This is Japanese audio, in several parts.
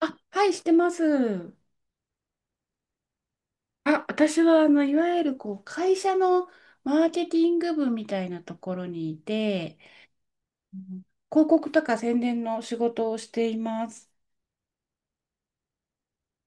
あ、はい、してます。私はいわゆる、こう、会社のマーケティング部みたいなところにいて、うん広告とか宣伝の仕事をしています。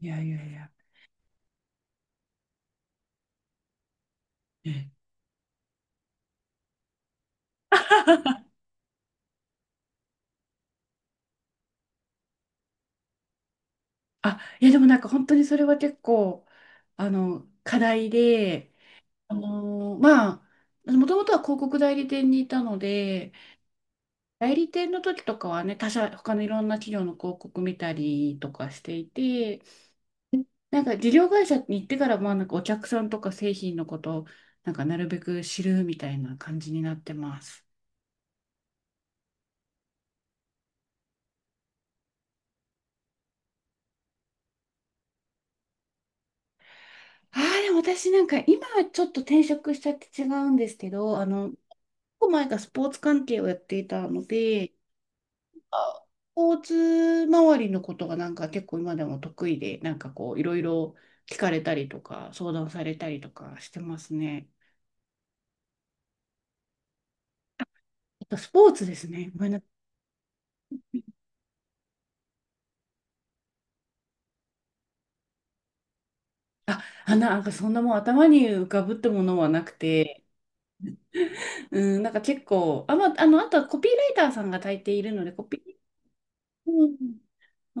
いやいやいや。ええ でもなんか本当にそれは結構、課題で、あのーまもともとは広告代理店にいたので、代理店の時とかはね、他のいろんな企業の広告見たりとかしていて、なんか事業会社に行ってから、まあなんかお客さんとか製品のことをなんかなるべく知るみたいな感じになってます。でも私なんか今はちょっと転職しちゃって違うんですけど、結構前からスポーツ関係をやっていたので、あスポーツ周りのことがなんか結構今でも得意で、なんかこういろいろ聞かれたりとか相談されたりとかしてますね。あとスポーツですね。ごめんなさい。なんかそんなもう頭に浮かぶってものはなくて、うん、なんか結構、あとはコピーライターさんが大抵いるので、コピー、う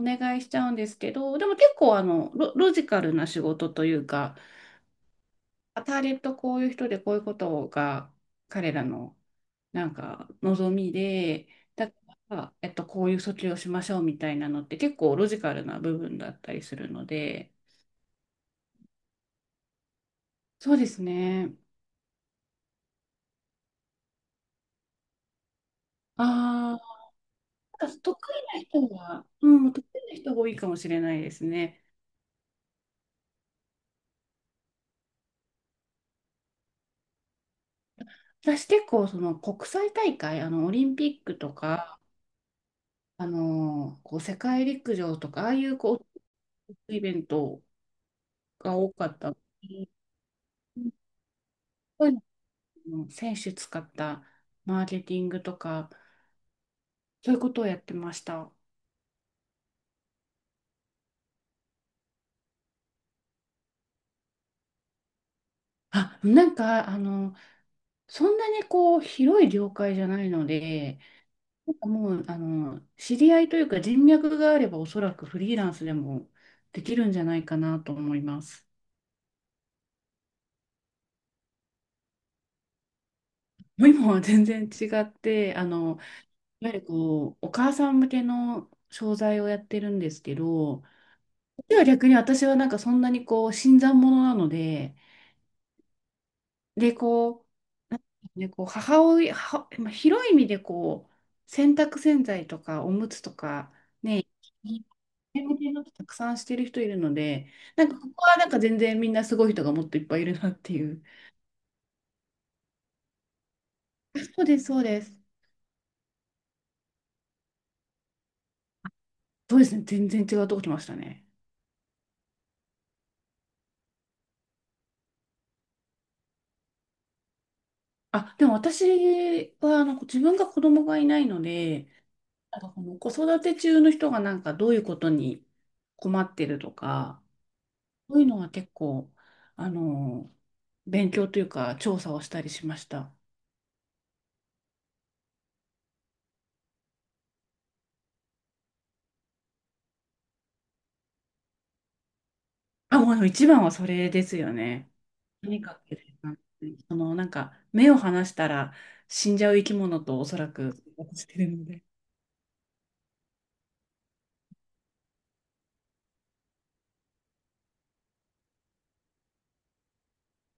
ん、お願いしちゃうんですけど、でも結構あのロジカルな仕事というか、ターゲットこういう人でこういうことが彼らのなんか望みで、だから、えっと、こういう訴求をしましょうみたいなのって結構ロジカルな部分だったりするので、そうですね。ああ、得意な人は、得意な人が多いかもしれないですね。私結構その国際大会、あのオリンピックとか、あのこう世界陸上とか、ああいうこうイベントが多かったので、そういうの選手使ったマーケティングとか、そういうことをやってました。あ、なんか、あの、そんなにこう、広い業界じゃないので、なんかもう、あの、知り合いというか人脈があれば、おそらくフリーランスでもできるんじゃないかなと思います。もう今は全然違って、いわゆるこう、お母さん向けの商材をやってるんですけど、では逆に私はなんかそんなにこう、新参者なので、で、ここう母親、まあ広い意味でこう、洗濯洗剤とかおむつとか、ね、向けのたくさんしてる人いるので、なんかここはなんか全然みんなすごい人がもっといっぱいいるなっていう。そうです、そうです。そうですね、全然違うとこ来ましたね。でも私はあの自分が子供がいないので、なんかこの子育て中の人がなんかどういうことに困ってるとか、そういうのは結構、あの、勉強というか調査をしたりしました。あ、もう一番はそれですよね。とにかく、そのなんか目を離したら死んじゃう生き物とおそらく生活してるので。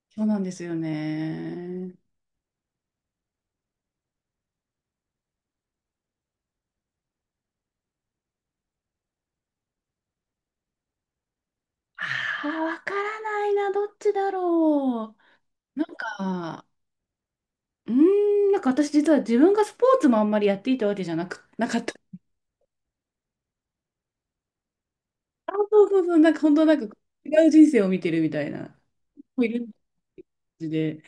そうなんですよね。ああ、わからないな、どっちだろう。なんか、うーなんか私実は自分がスポーツもあんまりやっていたわけじゃなく、なかった。あ、そうそうそう、なんか本当なんか違う人生を見てるみたいな、いる感じで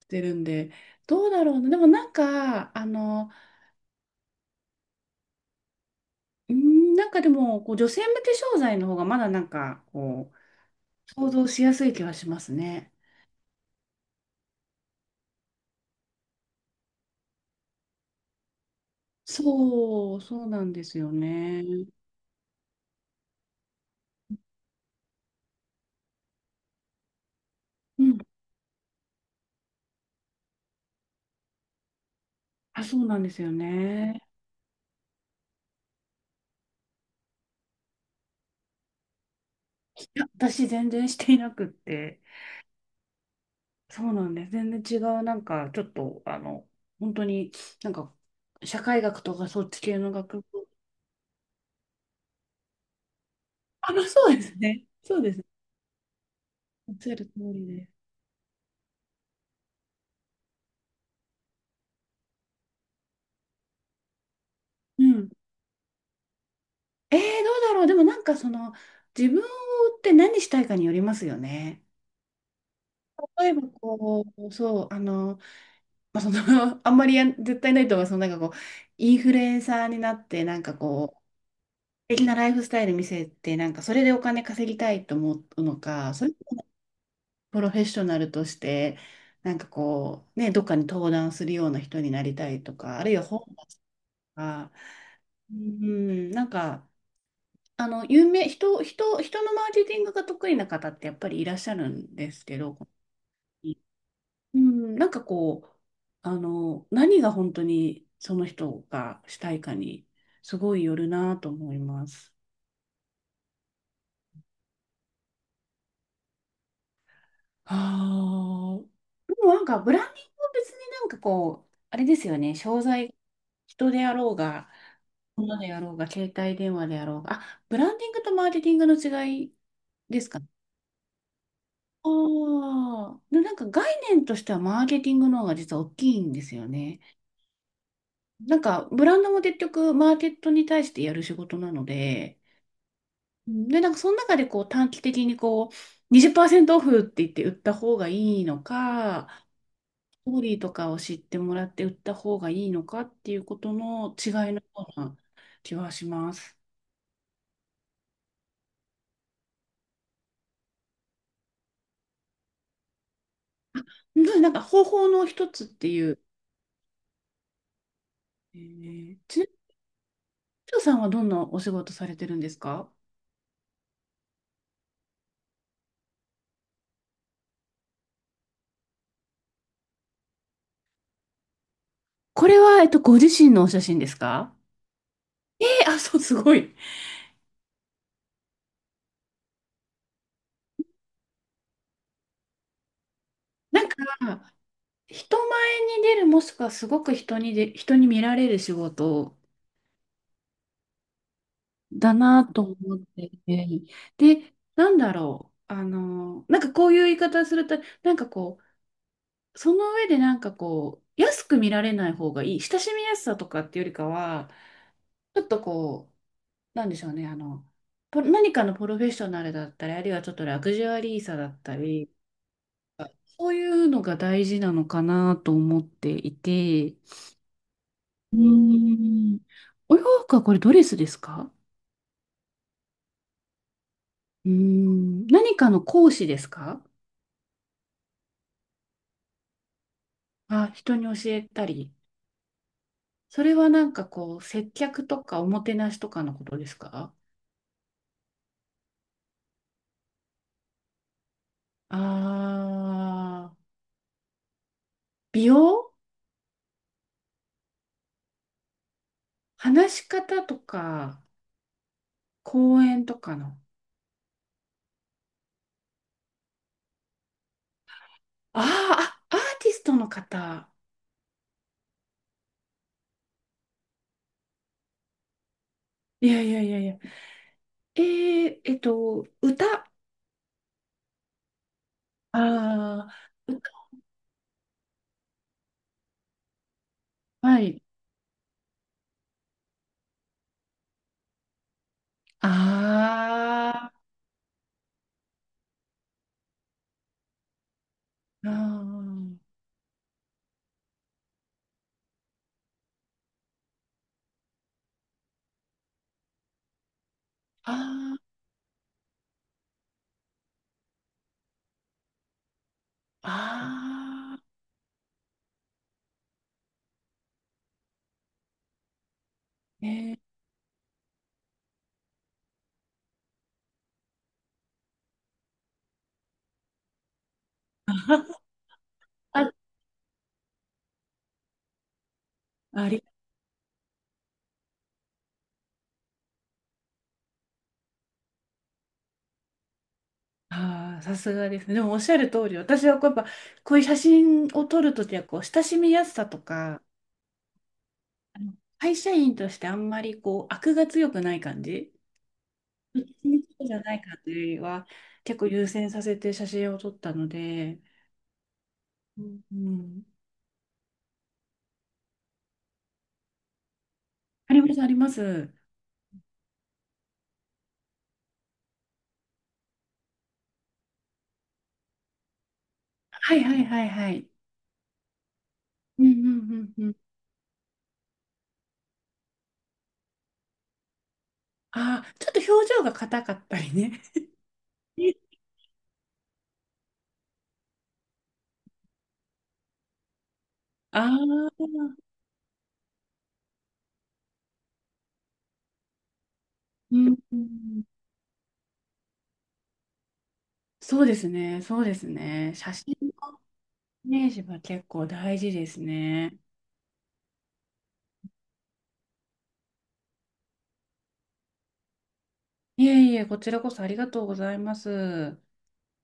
してるんで、どうだろうな。でもなんか、あの、うーん、なんかでも、こう女性向け商材の方がまだなんか、こう、想像しやすい気はしますね。そう、そうなんですよね。うん。あ、そうなんですよね。いや、私全然していなくって。そうなんです。全然違う、なんか、ちょっと、あの、本当に、なんか、社会学とかそっち系の学部。あ、まあ、そうですね。そうです。おっしゃる通りです。うん。えー、どうだろう。でもなんか、その、自分って何したいかによりますよね。例えば、まあ、その あんまりやん絶対ないとは、インフルエンサーになって、なんかこう、素敵なライフスタイル見せて、なんか、それでお金稼ぎたいと思うのか、それプロフェッショナルとして、なんかこう、ね、どっかに登壇するような人になりたいとか、あるいは本とか、うん、なんか、あの、有名、人、人、人のマーケティングが得意な方ってやっぱりいらっしゃるんですけど、うん、なんかこう、何が本当にその人がしたいかに、すごいよるなと思います。ああ、でもなんか、ブランディングは別になんかこう、あれですよね、商材、人であろうが、ものでやろうが、携帯電話でやろうが。あ、ブランディングとマーケティングの違いですかね。ああ、でなんか概念としてはマーケティングの方が実は大きいんですよね。なんかブランドも結局マーケットに対してやる仕事なので、その中でこう短期的にこう20%オフって言って売った方がいいのか、ストーリーとかを知ってもらって売った方がいいのかっていうことの違いのような気はします。方法の一つっていう。えー、ちなみにヒさんはどんなお仕事されてるんですか？これは、えっと、ご自身のお写真ですか？え、あ、そう、すごい。なんか、人前に出る、もしくはすごく人に見られる仕事だなと思っていて、で、なんだろう、あの、なんかこういう言い方すると、なんかこその上でなんかこう、安く見られない方がいい、親しみやすさとかっていうよりかは、ちょっとこう、なんでしょうね、あの、何かのプロフェッショナルだったり、あるいはちょっとラグジュアリーさだったり、そういうのが大事なのかなと思っていて、うーん、お洋服はこれドレスですか？うーん、何かの講師ですか？あ、人に教えたり。それはなんかこう、接客とかおもてなしとかのことですか？あー、美容、話し方とか、講演とかの。あーあ、アーティストの方。いやいやいやいや。えー、えっと、歌。ああ歌。はい。あああー、あー、ね。あ、あり、あー、さすがですね。でもおっしゃる通り、私はこうやっぱ、こういう写真を撮るときは、こう、親しみやすさとか、会社員としてあんまりこう、悪が強くない感じ、一日じゃない感じよりは、結構優先させて写真を撮ったので、うん、うん。あります、あります。はいはいはいはい。うんうんうんうん。ああ、ちょっと表情が硬かったりね。ああ、うんうん。そうですね、そうですね。写真のイメージは結構大事ですね。いえいえ、こちらこそありがとうございます。